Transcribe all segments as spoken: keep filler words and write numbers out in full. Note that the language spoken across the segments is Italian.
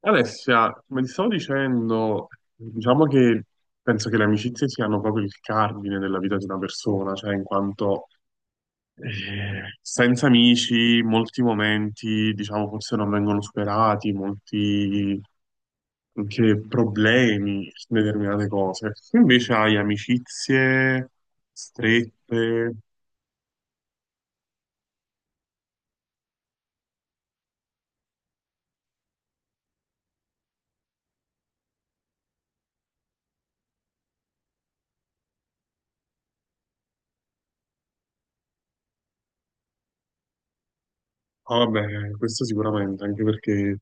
Alessia, come ti stavo dicendo, diciamo che penso che le amicizie siano proprio il cardine della vita di una persona, cioè in quanto eh, senza amici molti momenti, diciamo, forse non vengono superati, molti anche problemi su determinate cose. Tu invece hai amicizie strette. Ah, beh, questo sicuramente, anche perché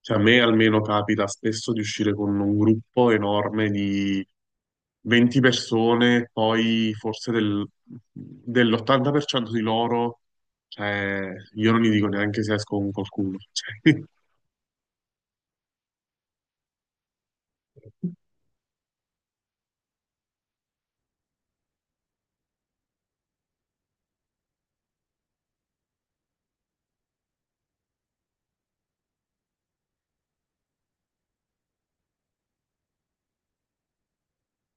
cioè, a me almeno capita spesso di uscire con un gruppo enorme di venti persone, poi forse del- dell'ottanta per cento di loro, cioè, io non gli dico neanche se esco con qualcuno. Cioè,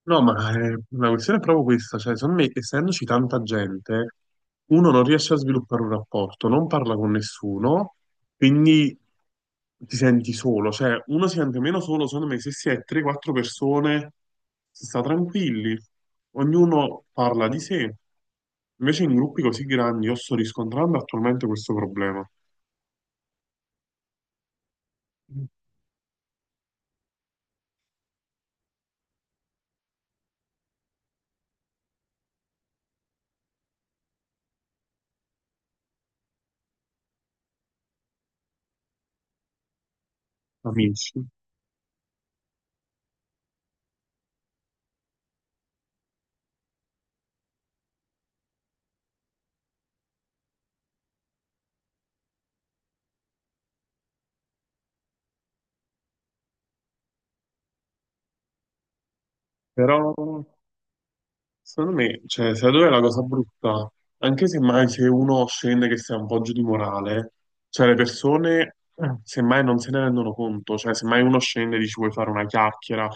no, ma eh, la questione è proprio questa, cioè, secondo me, essendoci tanta gente, uno non riesce a sviluppare un rapporto, non parla con nessuno, quindi ti senti solo, cioè uno si sente meno solo, secondo me, se si è tre quattro persone, si sta tranquilli, ognuno parla di sé. Invece in gruppi così grandi io sto riscontrando attualmente questo problema, amici, però secondo me, cioè, sai dove è la cosa brutta? Anche semmai se uno scende che sia un po' giù di morale, cioè le persone eh, semmai non se ne rendono conto, cioè semmai uno scende e dici vuoi fare una chiacchiera,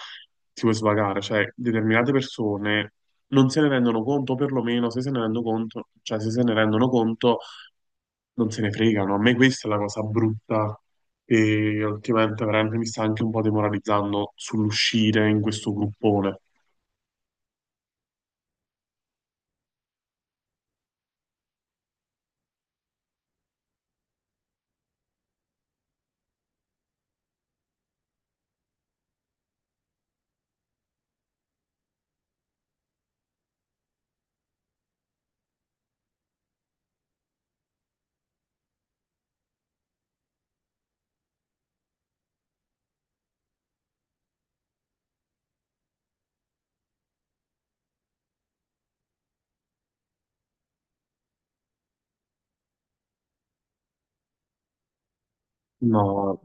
ti vuoi svagare, cioè determinate persone non se ne rendono conto, o perlomeno se se ne rendono conto, cioè se se ne rendono conto non se ne fregano. A me questa è la cosa brutta che ultimamente veramente mi sta anche un po' demoralizzando sull'uscire in questo gruppone. No.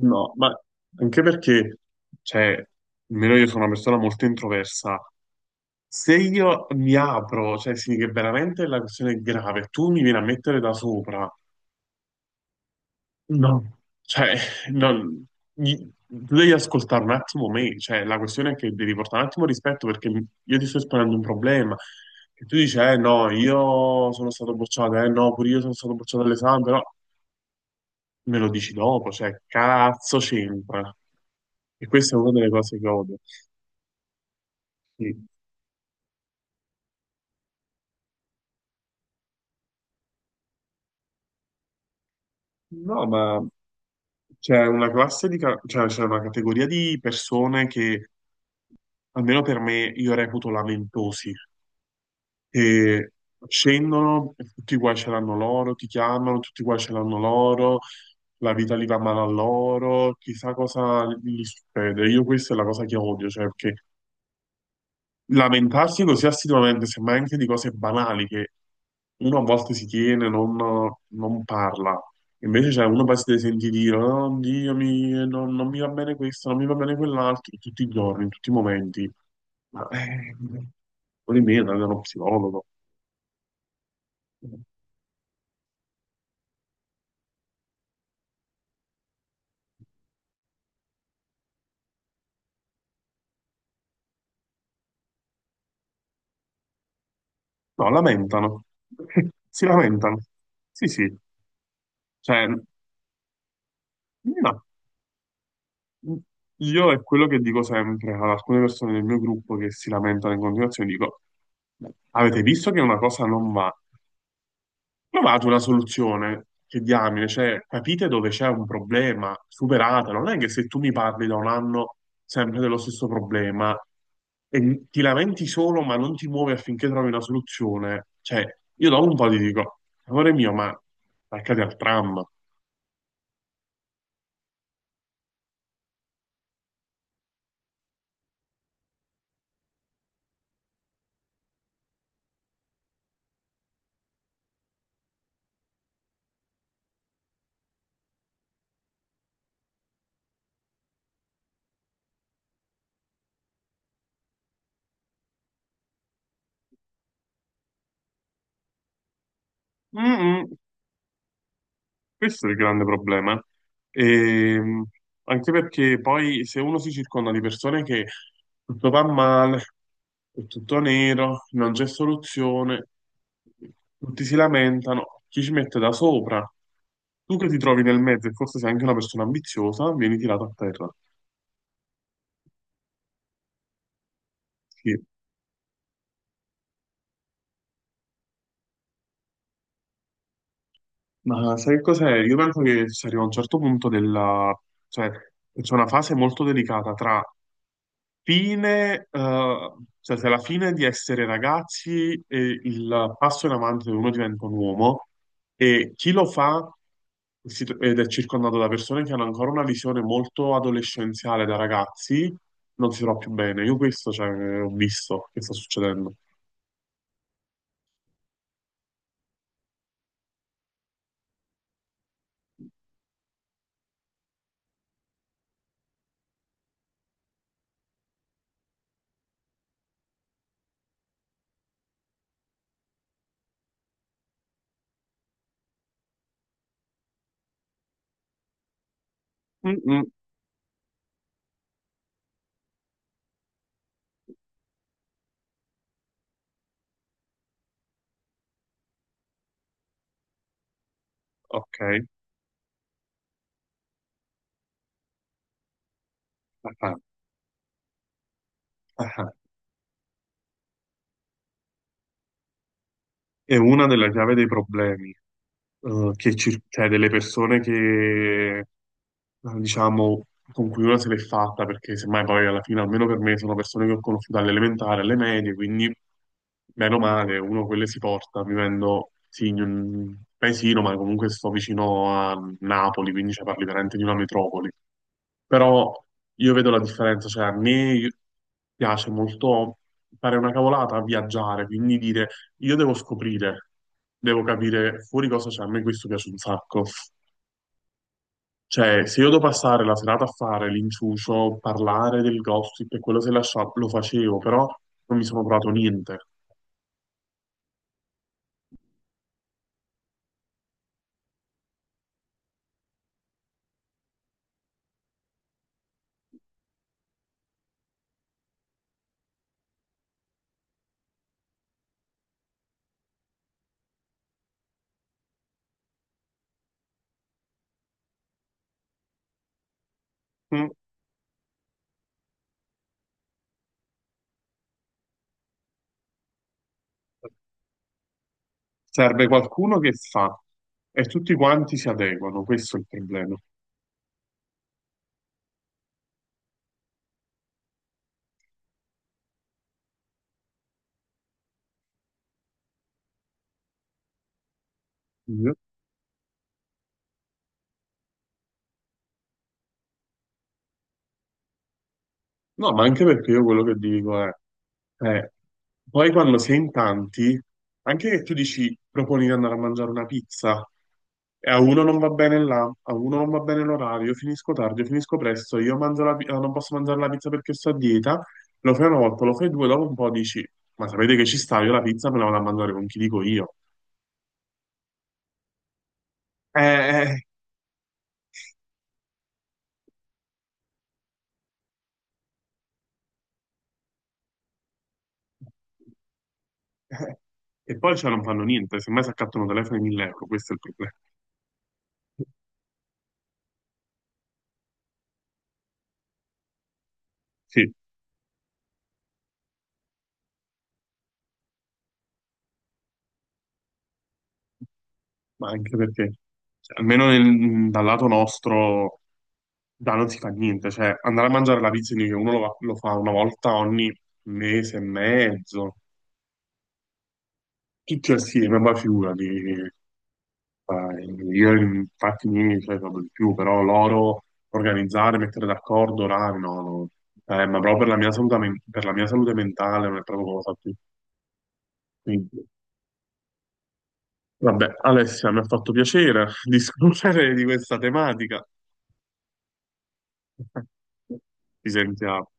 No, ma anche perché, cioè, almeno io sono una persona molto introversa. Se io mi apro, cioè, sì, che veramente la questione è grave, tu mi vieni a mettere da sopra. No, cioè, non, gli- tu devi ascoltare un attimo me, cioè, la questione è che devi portare un attimo rispetto perché mi- io ti sto esponendo un problema. E tu dici, eh no, io sono stato bocciato, eh no, pure io sono stato bocciato all'esame, però me lo dici dopo, cioè, cazzo c'entra. E questa è una delle cose che odio. Sì. No, ma c'è una classe di, ca- cioè, c'è una categoria di persone che, almeno per me, io reputo lamentosi, che scendono, e tutti i guai ce l'hanno loro, ti chiamano, tutti i guai ce l'hanno loro, la vita li va male a loro, chissà cosa gli succede. Io questa è la cosa che odio, cioè, perché lamentarsi così assiduamente, semmai anche di cose banali che uno a volte si tiene, non, non parla. Invece, cioè, uno poi si deve sentire dire, oh, Dio, mi- non, non mi va bene questo, non mi va bene quell'altro, tutti i giorni, in tutti i momenti. Ma, eh, vuol dire, andare da uno psicologo. No, lamentano. Si lamentano. Sì, sì. Cioè, no. Io è quello che dico sempre ad alcune persone del mio gruppo che si lamentano in continuazione, dico, avete visto che una cosa non va? Trovate una soluzione, che diamine, cioè capite dove c'è un problema, superatelo. Non è che se tu mi parli da un anno sempre dello stesso problema e ti lamenti solo ma non ti muovi affinché trovi una soluzione, cioè io dopo un po' ti dico, amore mio, ma attaccati al tram. Mm-mm. Questo è il grande problema. Ehm, anche perché poi se uno si circonda di persone che tutto va male, è tutto nero, non c'è soluzione, tutti si lamentano, chi ci mette da sopra? Tu che ti trovi nel mezzo e forse sei anche una persona ambiziosa, vieni tirato a terra. Sì. Ma sai che cos'è? Io penso che si arriva a un certo punto della... cioè c'è una fase molto delicata tra fine, eh, cioè se alla fine di essere ragazzi e il passo in avanti dove uno diventa un uomo e chi lo fa si tro- ed è circondato da persone che hanno ancora una visione molto adolescenziale da ragazzi, non si trova più bene. Io questo, cioè, ho visto che sta succedendo. Mm, mm, ok. Ah, ah, ah. È una delle chiavi dei problemi. eh, che cir- cioè delle persone che, eh, diciamo, con cui una se l'è fatta, perché semmai poi alla fine, almeno per me, sono persone che ho conosciuto all'elementare, alle medie, quindi meno male, uno quelle si porta, vivendo sì, in un paesino, ma comunque sto vicino a Napoli, quindi cioè, parli veramente di una metropoli però io vedo la differenza, cioè a me piace molto fare una cavolata, viaggiare, quindi dire io devo scoprire, devo capire fuori cosa c'è, a me questo piace un sacco. Cioè, se io devo passare la serata a fare l'inciucio, parlare del gossip e quello se lasciavo, lo facevo, però non mi sono provato niente. Mm. Serve qualcuno che fa e tutti quanti si adeguano, questo è il problema. No, ma anche perché io quello che dico è, eh, poi quando sei in tanti, anche che tu dici proponi di andare a mangiare una pizza, e a uno non va bene là, a uno non va bene l'orario, io finisco tardi, io finisco presto, io mangio la, pi- eh, non posso mangiare la pizza perché sto a dieta, lo fai una volta, lo fai due, dopo un po' dici, ma sapete che ci sta, io la pizza me la vado a mangiare con chi dico io. Eh, eh, eh. E poi cioè non fanno niente, semmai si accattano telefoni mille euro, questo è il problema. Sì. Ma anche perché, cioè, almeno nel- dal lato nostro, da non si fa niente, cioè andare a mangiare la pizza in New York, uno lo, va- lo fa una volta ogni mese e mezzo, tutti assieme, ma figurati, eh, io infatti miei, cioè, proprio di più, però loro organizzare, mettere d'accordo orari, no, no. Eh, ma proprio per la mia salute, men- per la mia salute mentale non è proprio cosa più. Quindi, vabbè, Alessia, mi ha fatto piacere discutere di questa tematica. Ci sentiamo.